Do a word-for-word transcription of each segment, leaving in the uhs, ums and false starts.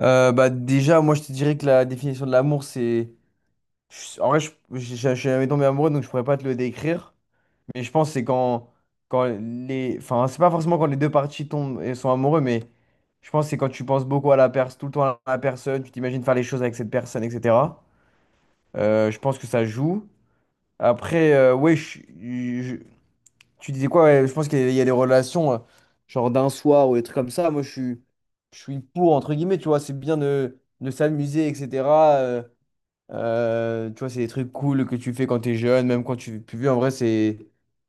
Euh, bah déjà, moi je te dirais que la définition de l'amour, c'est... je- En vrai, je, je, je- je suis jamais tombé amoureux, donc je pourrais pas te le décrire. Mais je pense que c'est quand, quand les... Enfin, c'est pas forcément quand les deux parties tombent et sont amoureux, mais je pense que c'est quand tu penses beaucoup à la personne, tout le temps à la personne, tu t'imagines faire les choses avec cette personne, et cetera. Euh, je pense que ça joue. Après, oui, tu disais quoi? Ouais, je pense qu'il y a il y a les relations, euh, genre d'un soir ou des trucs comme ça. Moi, je suis, je suis pour, entre guillemets, tu vois, c'est bien de, de s'amuser, et cetera euh, euh, Tu vois, c'est des trucs cool que tu fais quand t'es jeune, même quand tu es plus vieux. En vrai, c'est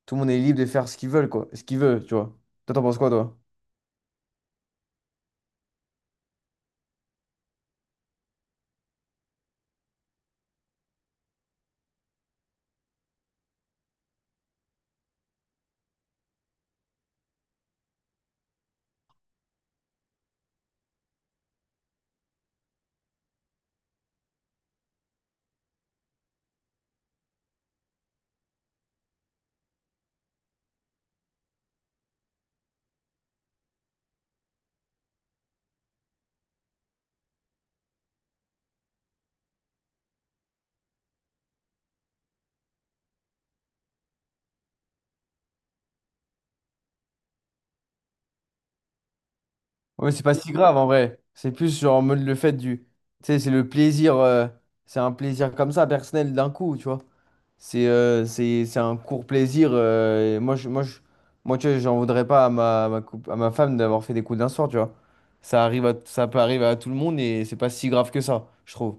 tout le monde est libre de faire ce qu'ils veulent quoi, ce qu'il veut, tu vois. Toi, t'en penses quoi, toi? Ouais, c'est pas si grave, en vrai. C'est plus genre en mode le fait du, tu sais, c'est le plaisir, euh, c'est un plaisir comme ça, personnel, d'un coup, tu vois. C'est euh, c'est, c'est un court plaisir. euh, et moi, je, moi, je, moi, tu vois, j'en voudrais pas à ma, à ma, coup- à ma femme d'avoir fait des coups d'un soir, tu vois. Ça arrive à, ça peut arriver à tout le monde et c'est pas si grave que ça, je trouve.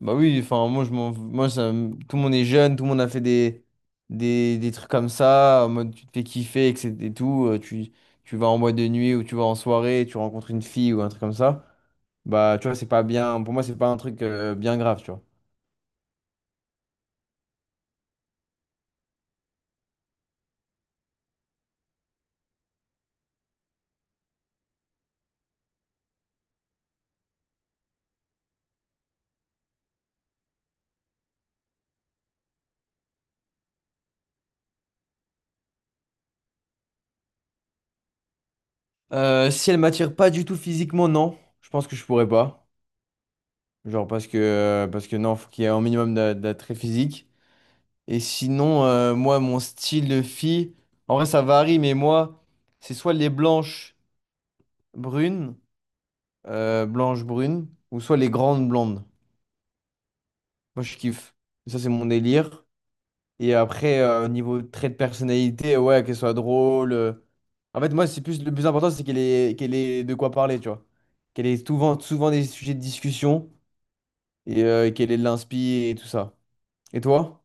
Bah oui, enfin, moi, je m'en, moi ça, me- tout le monde est jeune, tout le monde a fait des, des, des trucs comme ça, en mode tu te fais kiffer, et cetera et tout. Euh, tu, tu vas en boîte de nuit ou tu vas en soirée, tu rencontres une fille ou un truc comme ça. Bah, tu vois, c'est pas bien. Pour moi, c'est pas un truc euh, bien grave, tu vois. Euh, si elle m'attire pas du tout physiquement, non. Je pense que je pourrais pas. Genre parce que parce que non, faut qu'il y ait un minimum d'a- d'attrait physique. Et sinon, euh, moi, mon style de fille, en vrai, ça varie, mais moi, c'est soit les blanches brunes, euh, blanches brunes, ou soit les grandes blondes. Moi, je kiffe. Ça, c'est mon délire. Et après, euh, au niveau trait de personnalité, ouais, qu'elle soit drôle. euh. En fait, moi, c'est plus le plus important, c'est qu'elle ait qu'elle ait de quoi parler, tu vois. Qu'elle ait souvent souvent des sujets de discussion. Et euh, quelle est l'inspi et tout ça. Et toi?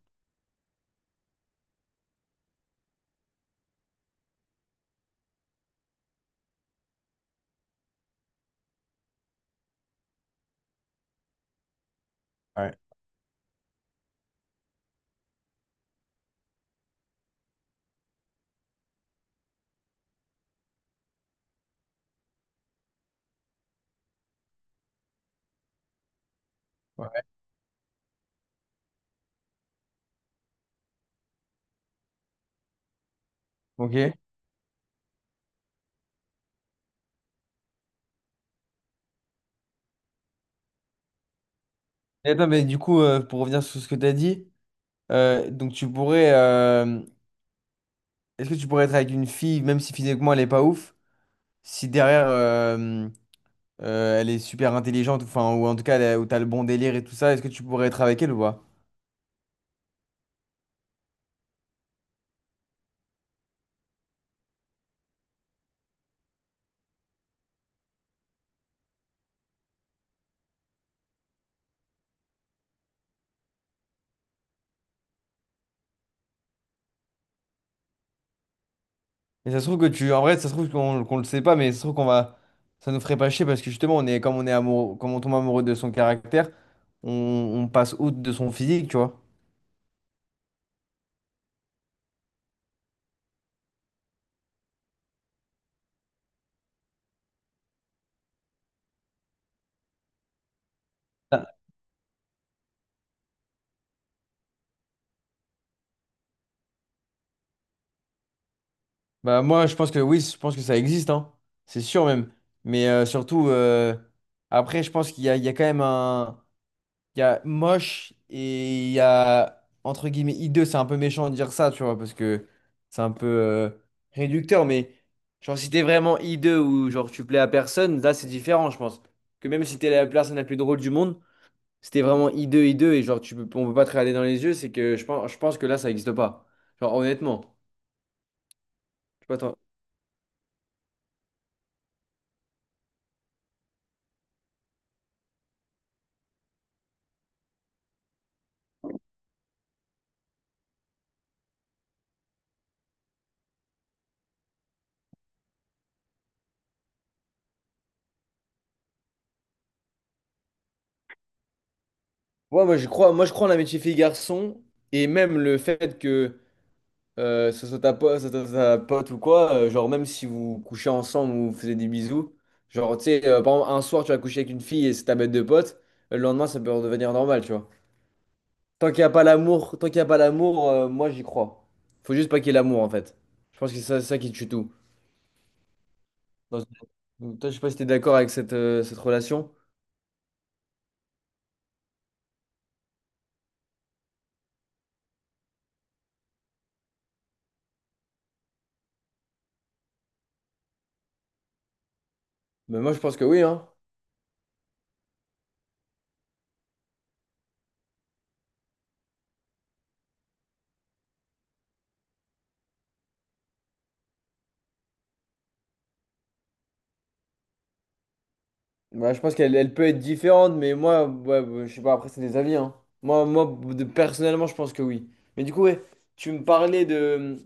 Ouais. Ouais. Ok. Et attends, mais du coup, euh, pour revenir sur ce que tu as dit, euh, donc tu pourrais, euh, est-ce que tu pourrais être avec une fille, même si physiquement elle est pas ouf, si derrière euh, euh, elle est super intelligente, enfin, ou en tout cas elle a- où t'as le bon délire et tout ça, est-ce que tu pourrais être avec elle ou pas? Et ça se trouve que tu, en vrai, ça se trouve qu'on qu'on le sait pas, mais ça se trouve qu'on va, ça nous ferait pas chier parce que justement, on est, comme on est amoureux, comme on tombe amoureux de son caractère, on, on passe outre de son physique, tu vois. Bah moi je pense que oui, je pense que ça existe, hein. C'est sûr même. Mais euh, surtout euh, après je pense qu'il y a, il y a quand même un. Il y a moche et il y a entre guillemets hideux, c'est un peu méchant de dire ça, tu vois, parce que c'est un peu euh, réducteur, mais genre si t'es vraiment hideux ou genre tu plais à personne, là c'est différent, je pense. Que même si t'es la personne la plus drôle du monde, si t'es vraiment hideux, hideux et genre tu peux, on peut pas te regarder dans les yeux, c'est que je pense, je pense que là ça existe pas. Genre honnêtement. Je sais pas, toi. Ouais, moi je crois, moi je crois en amitié fille-garçon, et même le fait que euh, ce soit ta pote, pote ou quoi, euh, genre même si vous couchez ensemble ou vous faisiez des bisous, genre tu sais, euh, par exemple un soir tu vas coucher avec une fille et c'est ta bête de pote, euh, le lendemain ça peut redevenir normal, tu vois. Tant qu'il n'y a pas l'amour, tant qu'il y a pas l'amour, euh, moi j'y crois. Faut juste pas qu'il y ait l'amour en fait. Je pense que c'est ça, ça qui tue tout. Dans- Donc, toi je sais pas si t'es d'accord avec cette, euh, cette relation, mais moi je pense que oui, hein. Bah, je pense qu'elle elle peut être différente, mais moi, ouais, bah, je sais pas, après, c'est des avis, hein. Moi, moi de- Personnellement, je pense que oui. Mais du coup, ouais, tu me parlais de,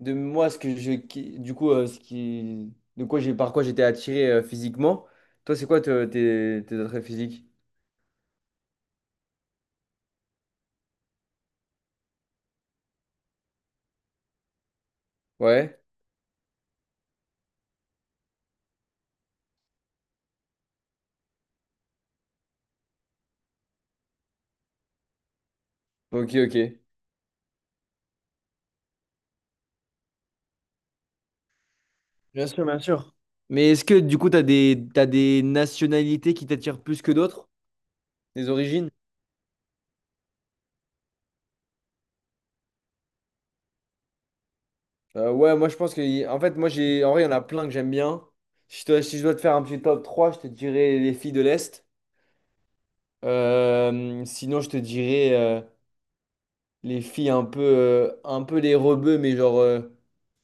de moi, ce que je, qui- du coup, euh, ce qui, de quoi j'ai, par quoi j'étais attiré euh, physiquement. Toi, c'est quoi te- tes, tes attraits physiques? Ouais, ok, ok. Bien sûr, bien sûr. Mais est-ce que, du coup, t'as des, t'as des nationalités qui t'attirent plus que d'autres? Des origines? Euh, ouais, moi je pense que. En fait, moi j'ai. En vrai, il y en a plein que j'aime bien. Si je, dois- si je dois te faire un petit top trois je te dirais les filles de l'Est. Euh, sinon, je te dirais euh, les filles un peu, euh, un peu les rebeux, mais genre euh,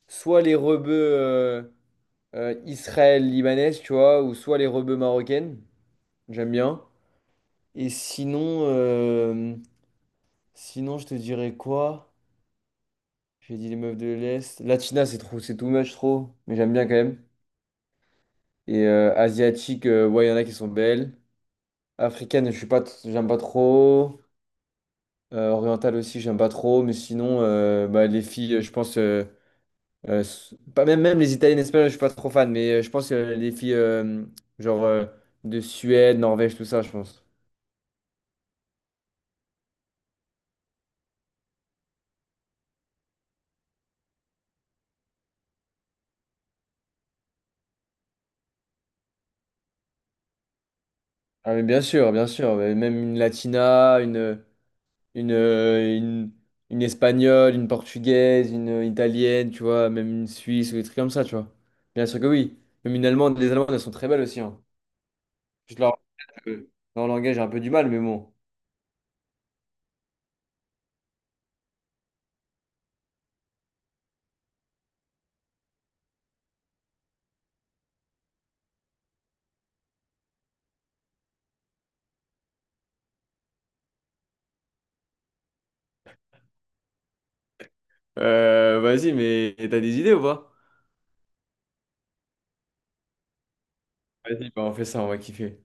soit les rebeux euh, euh, israël-libanaises, tu vois, ou soit les rebeux marocaines. J'aime bien. Et sinon, euh, sinon, je te dirais quoi? J'ai dit les meufs de l'Est. Latina, c'est trop, c'est too much trop, mais j'aime bien quand même. Et euh, asiatique, euh, ouais, il y en a qui sont belles. Africaine, je suis pas, t- j'aime pas trop. Euh, orientale aussi, j'aime pas trop. Mais sinon, euh, bah, les filles, je pense, euh, euh, s- pas même, même les italiennes, espagnoles, je suis pas trop fan. Mais euh, je pense que les filles, euh, genre euh, de Suède, Norvège, tout ça, je pense. Ah, mais bien sûr, bien sûr. Mais même une latina, une, une, euh, une, une espagnole, une portugaise, une italienne, tu vois, même une suisse ou des trucs comme ça, tu vois. Bien sûr que oui. Même une allemande, les allemandes, elles sont très belles aussi, hein. Je leur... euh, Leur langage, j'ai un peu du mal, mais bon. Euh, vas-y, mais t'as des idées ou pas? Vas-y, bah, on fait ça, on va kiffer.